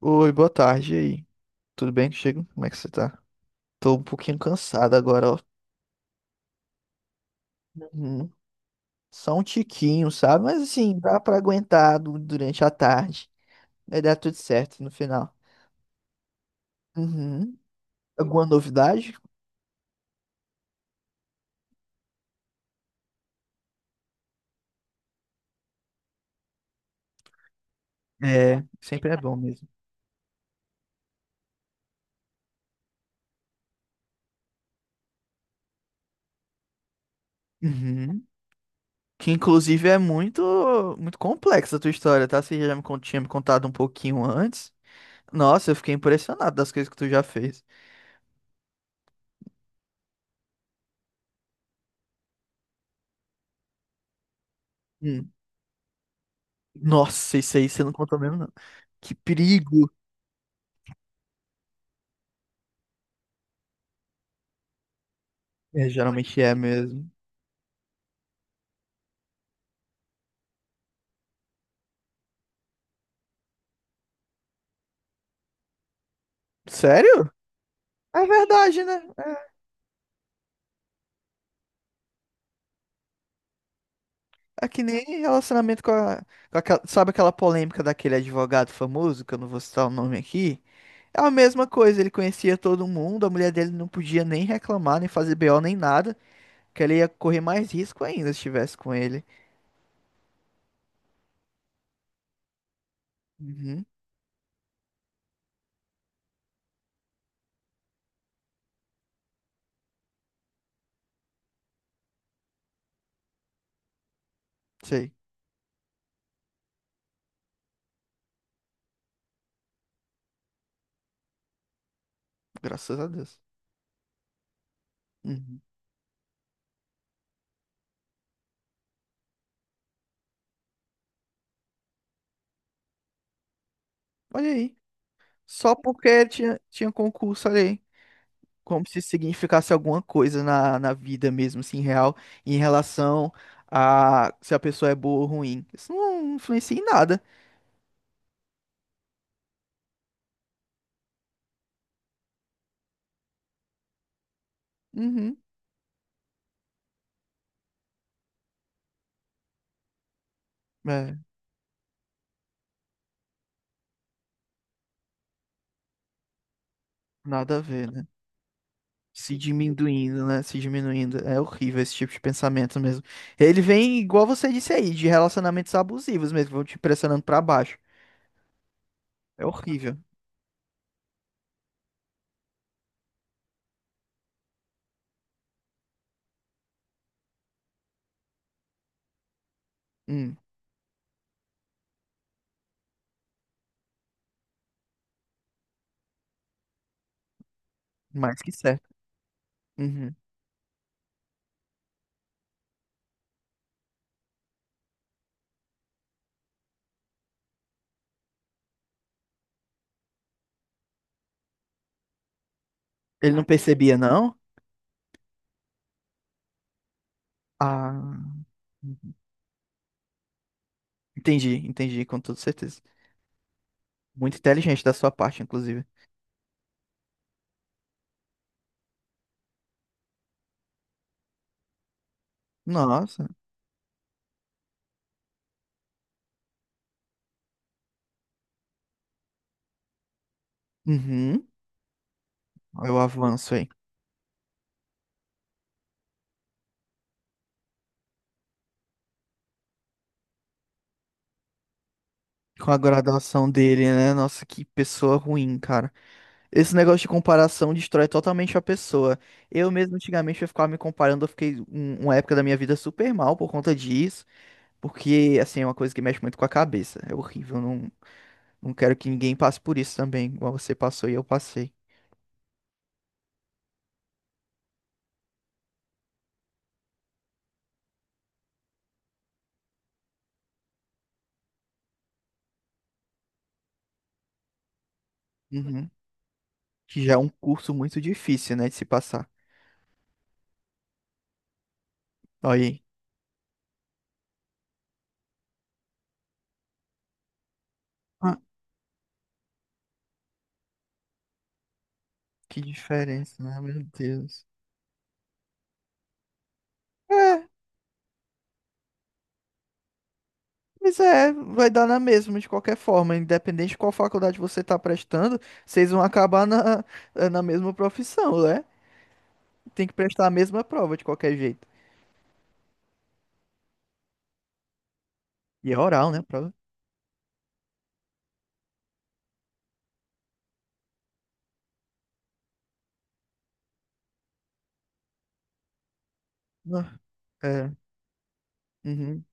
Oi, boa tarde e aí. Tudo bem contigo? Como é que você tá? Tô um pouquinho cansado agora, ó. Uhum. Só um tiquinho, sabe? Mas assim, dá pra aguentar durante a tarde. Vai dar tudo certo no final. Uhum. Alguma novidade? É, sempre é bom mesmo. Uhum. Que inclusive é muito complexa a tua história, tá? Você já tinha me contado um pouquinho antes. Nossa, eu fiquei impressionado das coisas que tu já fez. Hum. Nossa, isso aí você não contou mesmo, não. Que perigo! É, geralmente é mesmo. Sério? É verdade, né? É que nem relacionamento com a, com aquela- sabe aquela polêmica daquele advogado famoso, que eu não vou citar o nome aqui? É a mesma coisa, ele conhecia todo mundo, a mulher dele não podia nem reclamar, nem fazer BO, nem nada, que ela ia correr mais risco ainda se estivesse com ele. Uhum, sei, graças a Deus. Uhum. Olha aí, só porque tinha concurso, olha aí. Como se significasse alguma coisa na vida mesmo, assim, real, em relação a se a pessoa é boa ou ruim. Isso não influencia em nada. Uhum. É, nada a ver, né? Se diminuindo, né? Se diminuindo. É horrível esse tipo de pensamento mesmo. Ele vem, igual você disse aí, de relacionamentos abusivos mesmo, vão te pressionando pra baixo. É horrível. Hum, mais que certo. Uhum. Ele não percebia, não? Ah, entendi, com toda certeza. Muito inteligente da sua parte, inclusive. Nossa. Uhum. Olha o avanço aí. Com a graduação dele, né? Nossa, que pessoa ruim, cara. Esse negócio de comparação destrói totalmente a pessoa. Eu mesmo, antigamente, eu ficava me comparando. Eu fiquei uma época da minha vida super mal por conta disso. Porque, assim, é uma coisa que mexe muito com a cabeça. É horrível. Não, não quero que ninguém passe por isso também, igual você passou e eu passei. Uhum. Que já é um curso muito difícil, né, de se passar. Olha aí. Ah, que diferença, né? Meu Deus. É. Pois é, vai dar na mesma de qualquer forma, independente de qual faculdade você está prestando, vocês vão acabar na mesma profissão, né? Tem que prestar a mesma prova de qualquer jeito. E é oral, né? A prova. Ah, é. Uhum,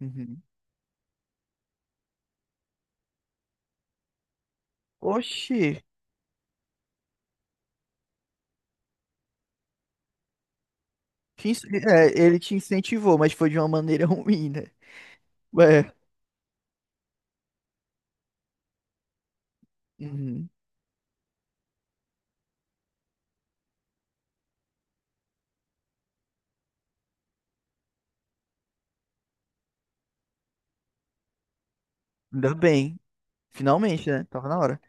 uhum. Oxi, é, ele te incentivou, mas foi de uma maneira ruim, né? É. Uhum. Ainda bem. Finalmente, né? Tava na hora.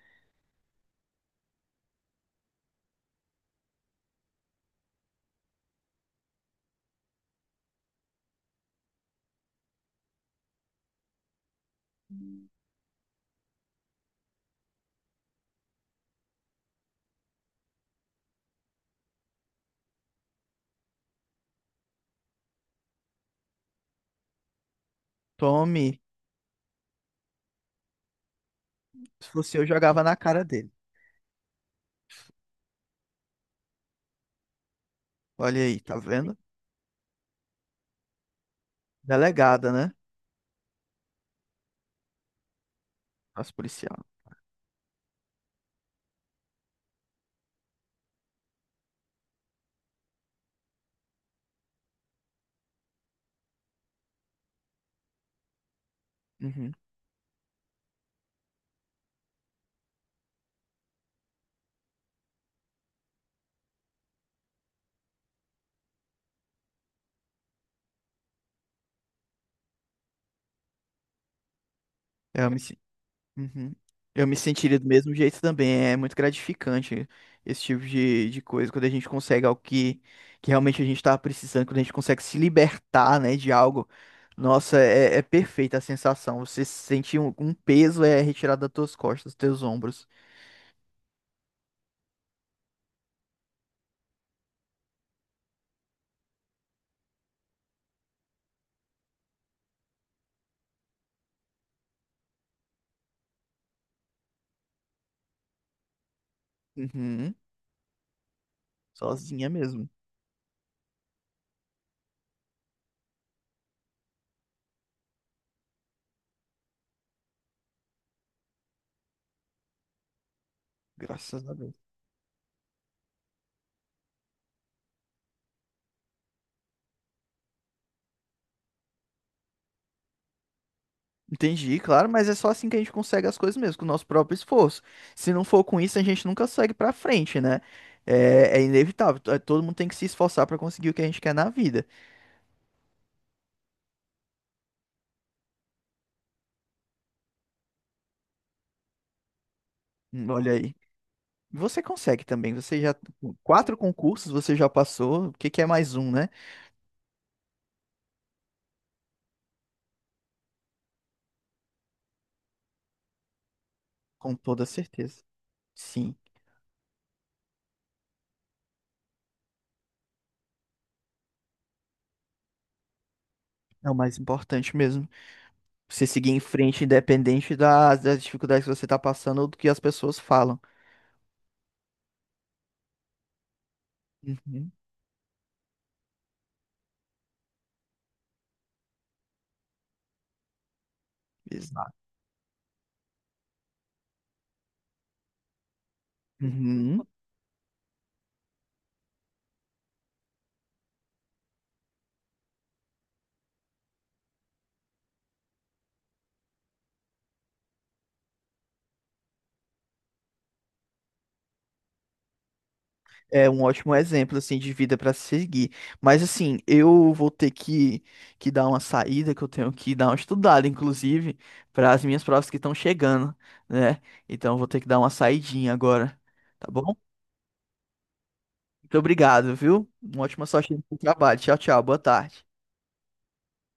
Tome. Se fosse eu, jogava na cara dele. Olha aí, tá vendo? Delegada, né? As policial. Uhum. É, Eu me Uhum. Eu me sentiria do mesmo jeito também. É muito gratificante esse tipo de coisa, quando a gente consegue algo que realmente a gente estava precisando, quando a gente consegue se libertar, né, de algo. Nossa, é perfeita a sensação. Você sentir um peso é retirado das tuas costas, dos teus ombros. Uhum. Sozinha mesmo. Graças a Deus. Entendi, claro, mas é só assim que a gente consegue as coisas mesmo, com o nosso próprio esforço. Se não for com isso, a gente nunca segue pra frente, né? É, é inevitável. Todo mundo tem que se esforçar pra conseguir o que a gente quer na vida. Olha aí. Você consegue também. Você já. 4 concursos você já passou. O que que é mais um, né? Com toda certeza. Sim. É o mais importante mesmo. Você seguir em frente, independente das dificuldades que você tá passando ou do que as pessoas falam. Uhum. Exato. Uhum. É um ótimo exemplo assim de vida para seguir. Mas assim, eu vou ter que dar uma saída, que eu tenho que dar uma estudada, inclusive, para as minhas provas que estão chegando, né? Então eu vou ter que dar uma saidinha agora, tá bom? Muito obrigado, viu? Uma ótima sorte no trabalho. Tchau, tchau. Boa tarde.